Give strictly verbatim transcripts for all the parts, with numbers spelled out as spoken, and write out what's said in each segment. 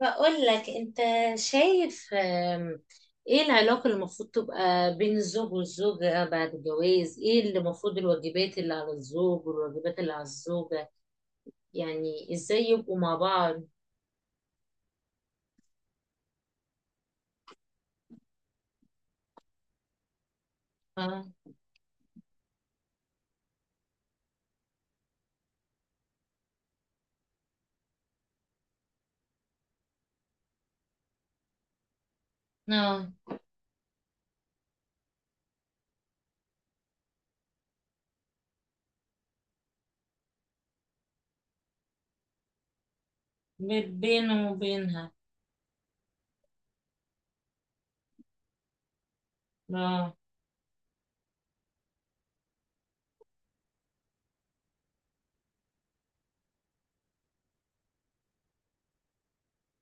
بقول لك انت شايف آم، ايه العلاقة اللي المفروض تبقى بين الزوج والزوجة بعد الجواز؟ ايه اللي المفروض الواجبات اللي على الزوج والواجبات اللي على الزوجة؟ يعني ازاي يبقوا مع بعض؟ اه، اه، بي- بينه وبينها. اه،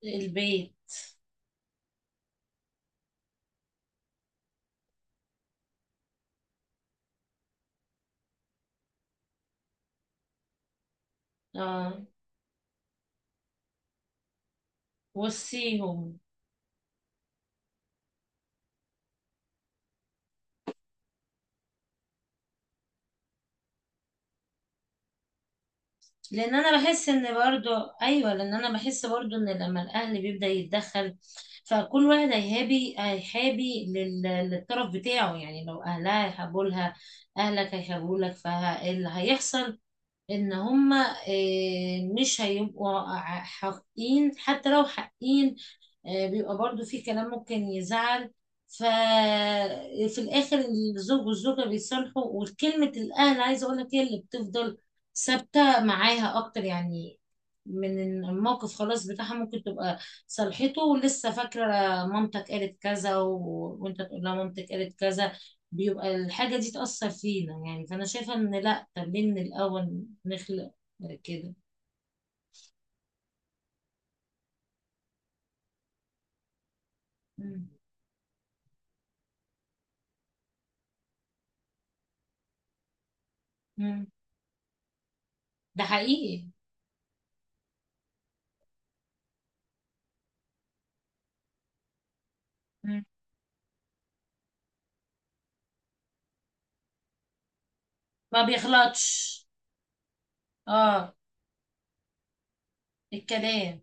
البيت. اه، وصيهم. لان انا بحس ان برضو. ايوه، لان انا بحس برضو ان لما الاهل بيبدا يتدخل، فكل واحد هيهابي هيحابي لل- للطرف بتاعه، يعني لو اهلها هيحبوا لها، اهلك هيحبوا لك، فاللي هيحصل ان هما آه، مش هيبقوا ع- حقين، حتى لو حقين آه، بيبقى برضو في كلام ممكن يزعل. ففي الاخر، الزوج والزوجة بيصالحوا، وكلمة الاهل عايزة اقول لك هي اللي بتفضل ثابتة معاها اكتر، يعني من الموقف خلاص بتاعها، ممكن تبقى صالحته ولسه فاكرة مامتك قالت كذا و... وانت تقول لها مامتك قالت كذا، بيبقى الحاجة دي تأثر فينا، يعني فأنا شايفة إن لأ، طب ليه من الأول نخلق كده؟ مم. مم. ده حقيقي. مم. ما بيغلطش. اه، الكلام.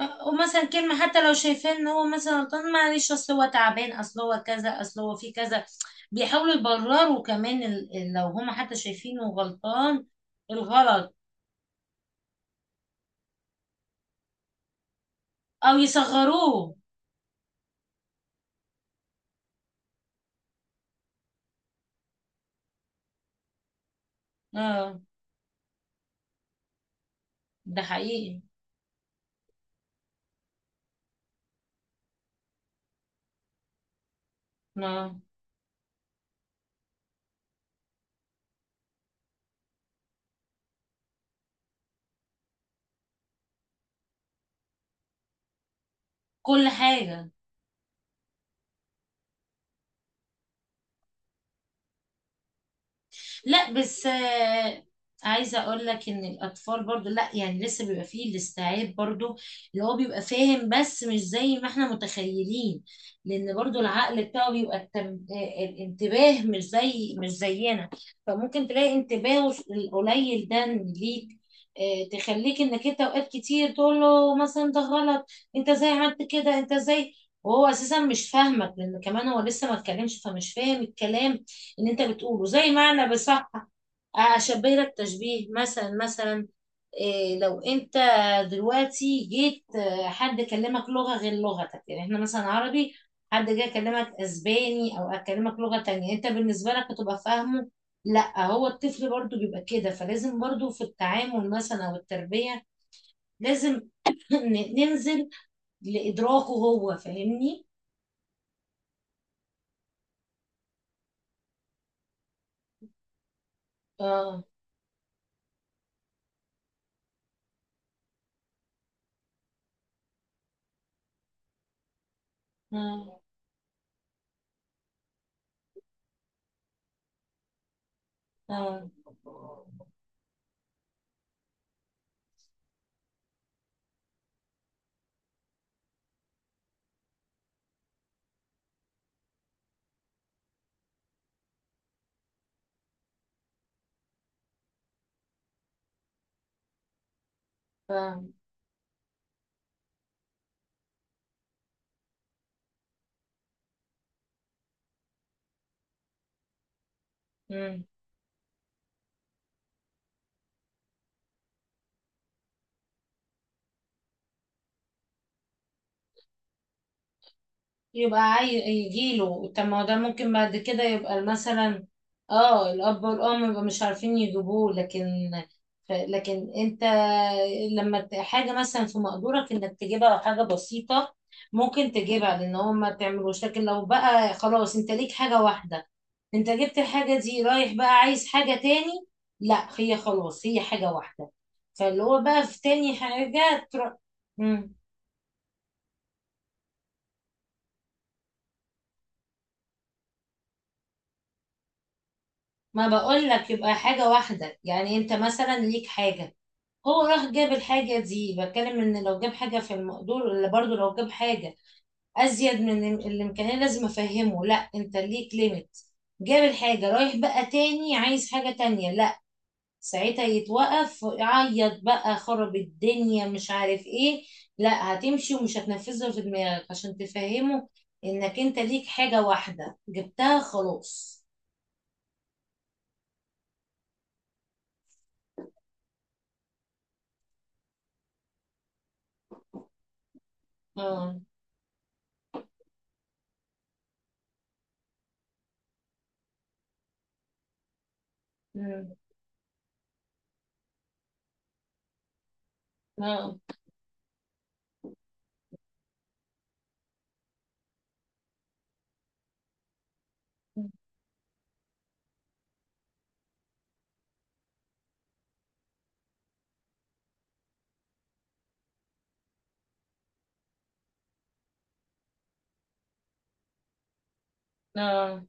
آه، ومثلا كلمة، حتى لو شايفين ان هو مثلا غلطان، معلش اصل هو تعبان، اصل هو كذا، اصل هو في كذا، بيحاولوا يبرروا كمان ال- ال- لو هما حتى شايفينه غلطان. الغلط او يصغروه. اه. ده حقيقي. اه. كل حاجة. لا بس آه، عايزه اقول لك ان الاطفال برضو لا، يعني لسه بيبقى فيه الاستيعاب برضو، اللي هو بيبقى فاهم بس مش زي ما احنا متخيلين، لان برضو العقل بتاعه بيبقى التم... آه، الانتباه مش زي مش زينا، فممكن تلاقي انتباهه القليل ده ليك آه، تخليك انك انت اوقات كتير تقول له مثلا ده غلط، انت ازاي عملت كده؟ انت ازاي؟ وهو اساسا مش فاهمك، لان كمان هو لسه ما اتكلمش فمش فاهم الكلام اللي انت بتقوله. زي ما انا بصح اشبه لك تشبيه، مثلا مثلا إيه لو انت دلوقتي جيت آه، حد كلمك لغة غير لغتك؟ يعني احنا مثلا عربي، حد جاي يكلمك اسباني او اكلمك لغة تانية، انت بالنسبة لك هتبقى فاهمه؟ لا. هو الطفل برضو بيبقى كده، فلازم برضو في التعامل مثلا او التربية لازم ن- ننزل لادراكه هو فاهمني. اه، اه، اه، فاهم. يبقى عاي... يجيله، طب ما هو ده ممكن بعد كده يبقى مثلا. اه، الاب والام يبقى مش عارفين يجيبوه، لكن ف... لكن انت لما ت- حاجه مثلا في مقدورك انك تجيبها، حاجه بسيطه ممكن تجيبها لان هو ما تعملوش. لكن لو بقى خلاص انت ليك حاجه واحده، انت جبت الحاجه دي رايح بقى عايز حاجه تاني؟ لا، هي خلاص هي حاجه واحده، فاللي هو بقى في تاني حاجه تروح. ما بقول لك يبقى حاجة واحدة، يعني انت مثلا ليك حاجة هو راح جاب الحاجة دي، بتكلم ان لو جاب حاجة في المقدور، ولا برضو لو جاب حاجة ازيد من الإم- الامكانية لازم افهمه لا انت ليك ليميت، جاب الحاجة رايح بقى تاني عايز حاجة تانية؟ لا. ساعتها يتوقف يعيط بقى خرب الدنيا مش عارف ايه، لا هتمشي ومش هتنفذها في دماغك عشان تفهمه انك انت ليك حاجة واحدة جبتها خلاص. اه. مم. اه، اه،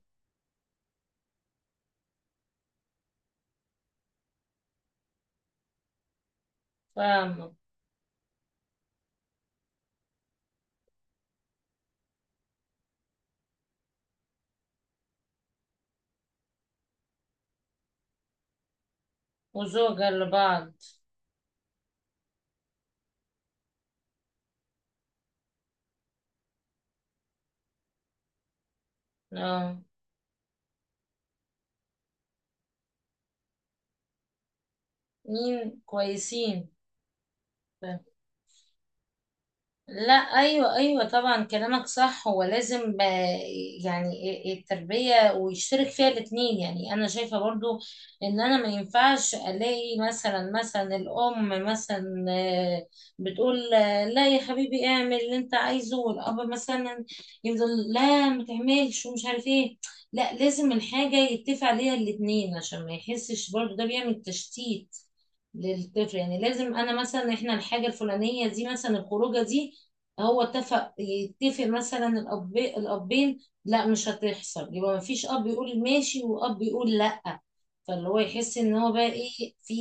فاهمة. وزوجة لبعض. اه. مين كويسين. لا، ايوه، ايوه، طبعا كلامك صح، هو لازم آه، يعني التربيه ويشترك فيها الاتنين، يعني انا شايفه برضو ان انا ما ينفعش الاقي مثلا مثلا الام مثلا آه، بتقول آه، لا يا حبيبي اعمل اللي انت عايزه، والاب مثلا يفضل لا ما تعملش ومش عارف ايه. لا، لازم الحاجه يتفق عليها الاتنين عشان ما يحسش برضو ده بيعمل تشتيت للطفل، يعني لازم انا مثلا، احنا الحاجه الفلانيه دي مثلا، الخروجه دي هو اتفق يتفق مثلا الاب الابين لا مش هتحصل، يبقى ما فيش اب يقول ماشي واب يقول لا، فاللي هو يحس ان هو بقى ايه في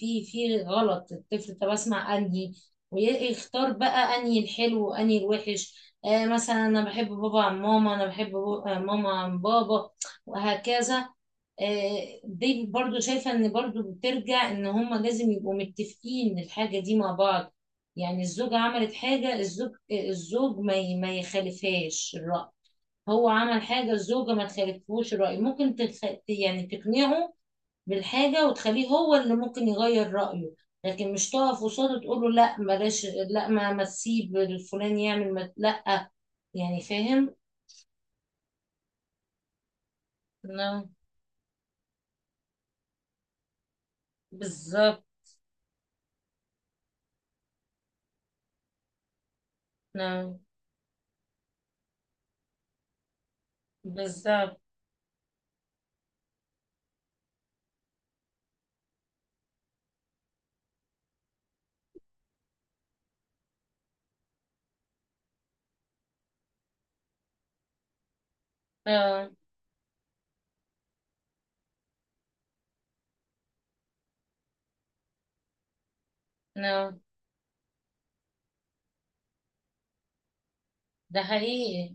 في في غلط الطفل، طب اسمع انهي، ويختار بقى انهي الحلو وانهي الوحش. آه مثلا انا بحب بابا عن ماما، انا بحب بو- آه، ماما عن بابا، وهكذا. آه، دي برضو شايفة ان برضو بترجع ان هما لازم يبقوا متفقين الحاجة دي مع بعض، يعني الزوجة عملت حاجة، الزوج الزوج ما ي- ما يخالفهاش الرأي، هو عمل حاجة الزوجة ما تخالفهوش الرأي، ممكن تخ... يعني تقنعه بالحاجة وتخليه هو اللي ممكن يغير رأيه، لكن مش تقف قصاده تقول له لا بلاش، لا ما ما تسيب الفلان يعمل ما... لا. يعني فاهم؟ نعم. بالظبط. نعم. بالظبط. اه. نعم. ده حقيقي.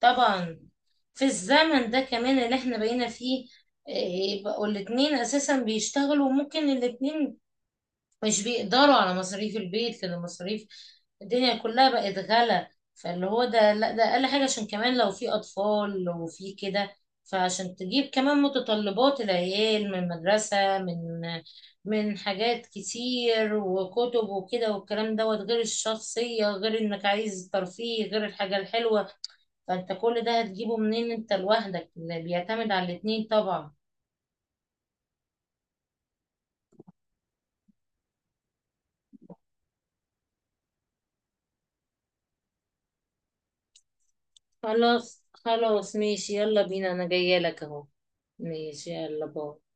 طبعا. في الزمن ده كمان اللي احنا بقينا فيه إيه، بقوا الاتنين اساسا بيشتغلوا، وممكن الاتنين مش بيقدروا على مصاريف البيت، لان مصاريف الدنيا كلها بقت غلا، فاللي هو ده لا ده اقل حاجة، عشان كمان لو في اطفال وفي كده، فعشان تجيب كمان متطلبات العيال من مدرسة، من من حاجات كتير وكتب وكده والكلام دوت، غير الشخصية، غير انك عايز ترفيه، غير الحاجة الحلوة، فانت كل ده هتجيبه منين؟ انت لوحدك؟ اللي بيعتمد على الاتنين طبعا. خلاص خلاص ماشي، يلا بينا، انا جايه لك اهو. ماشي، يلا باي.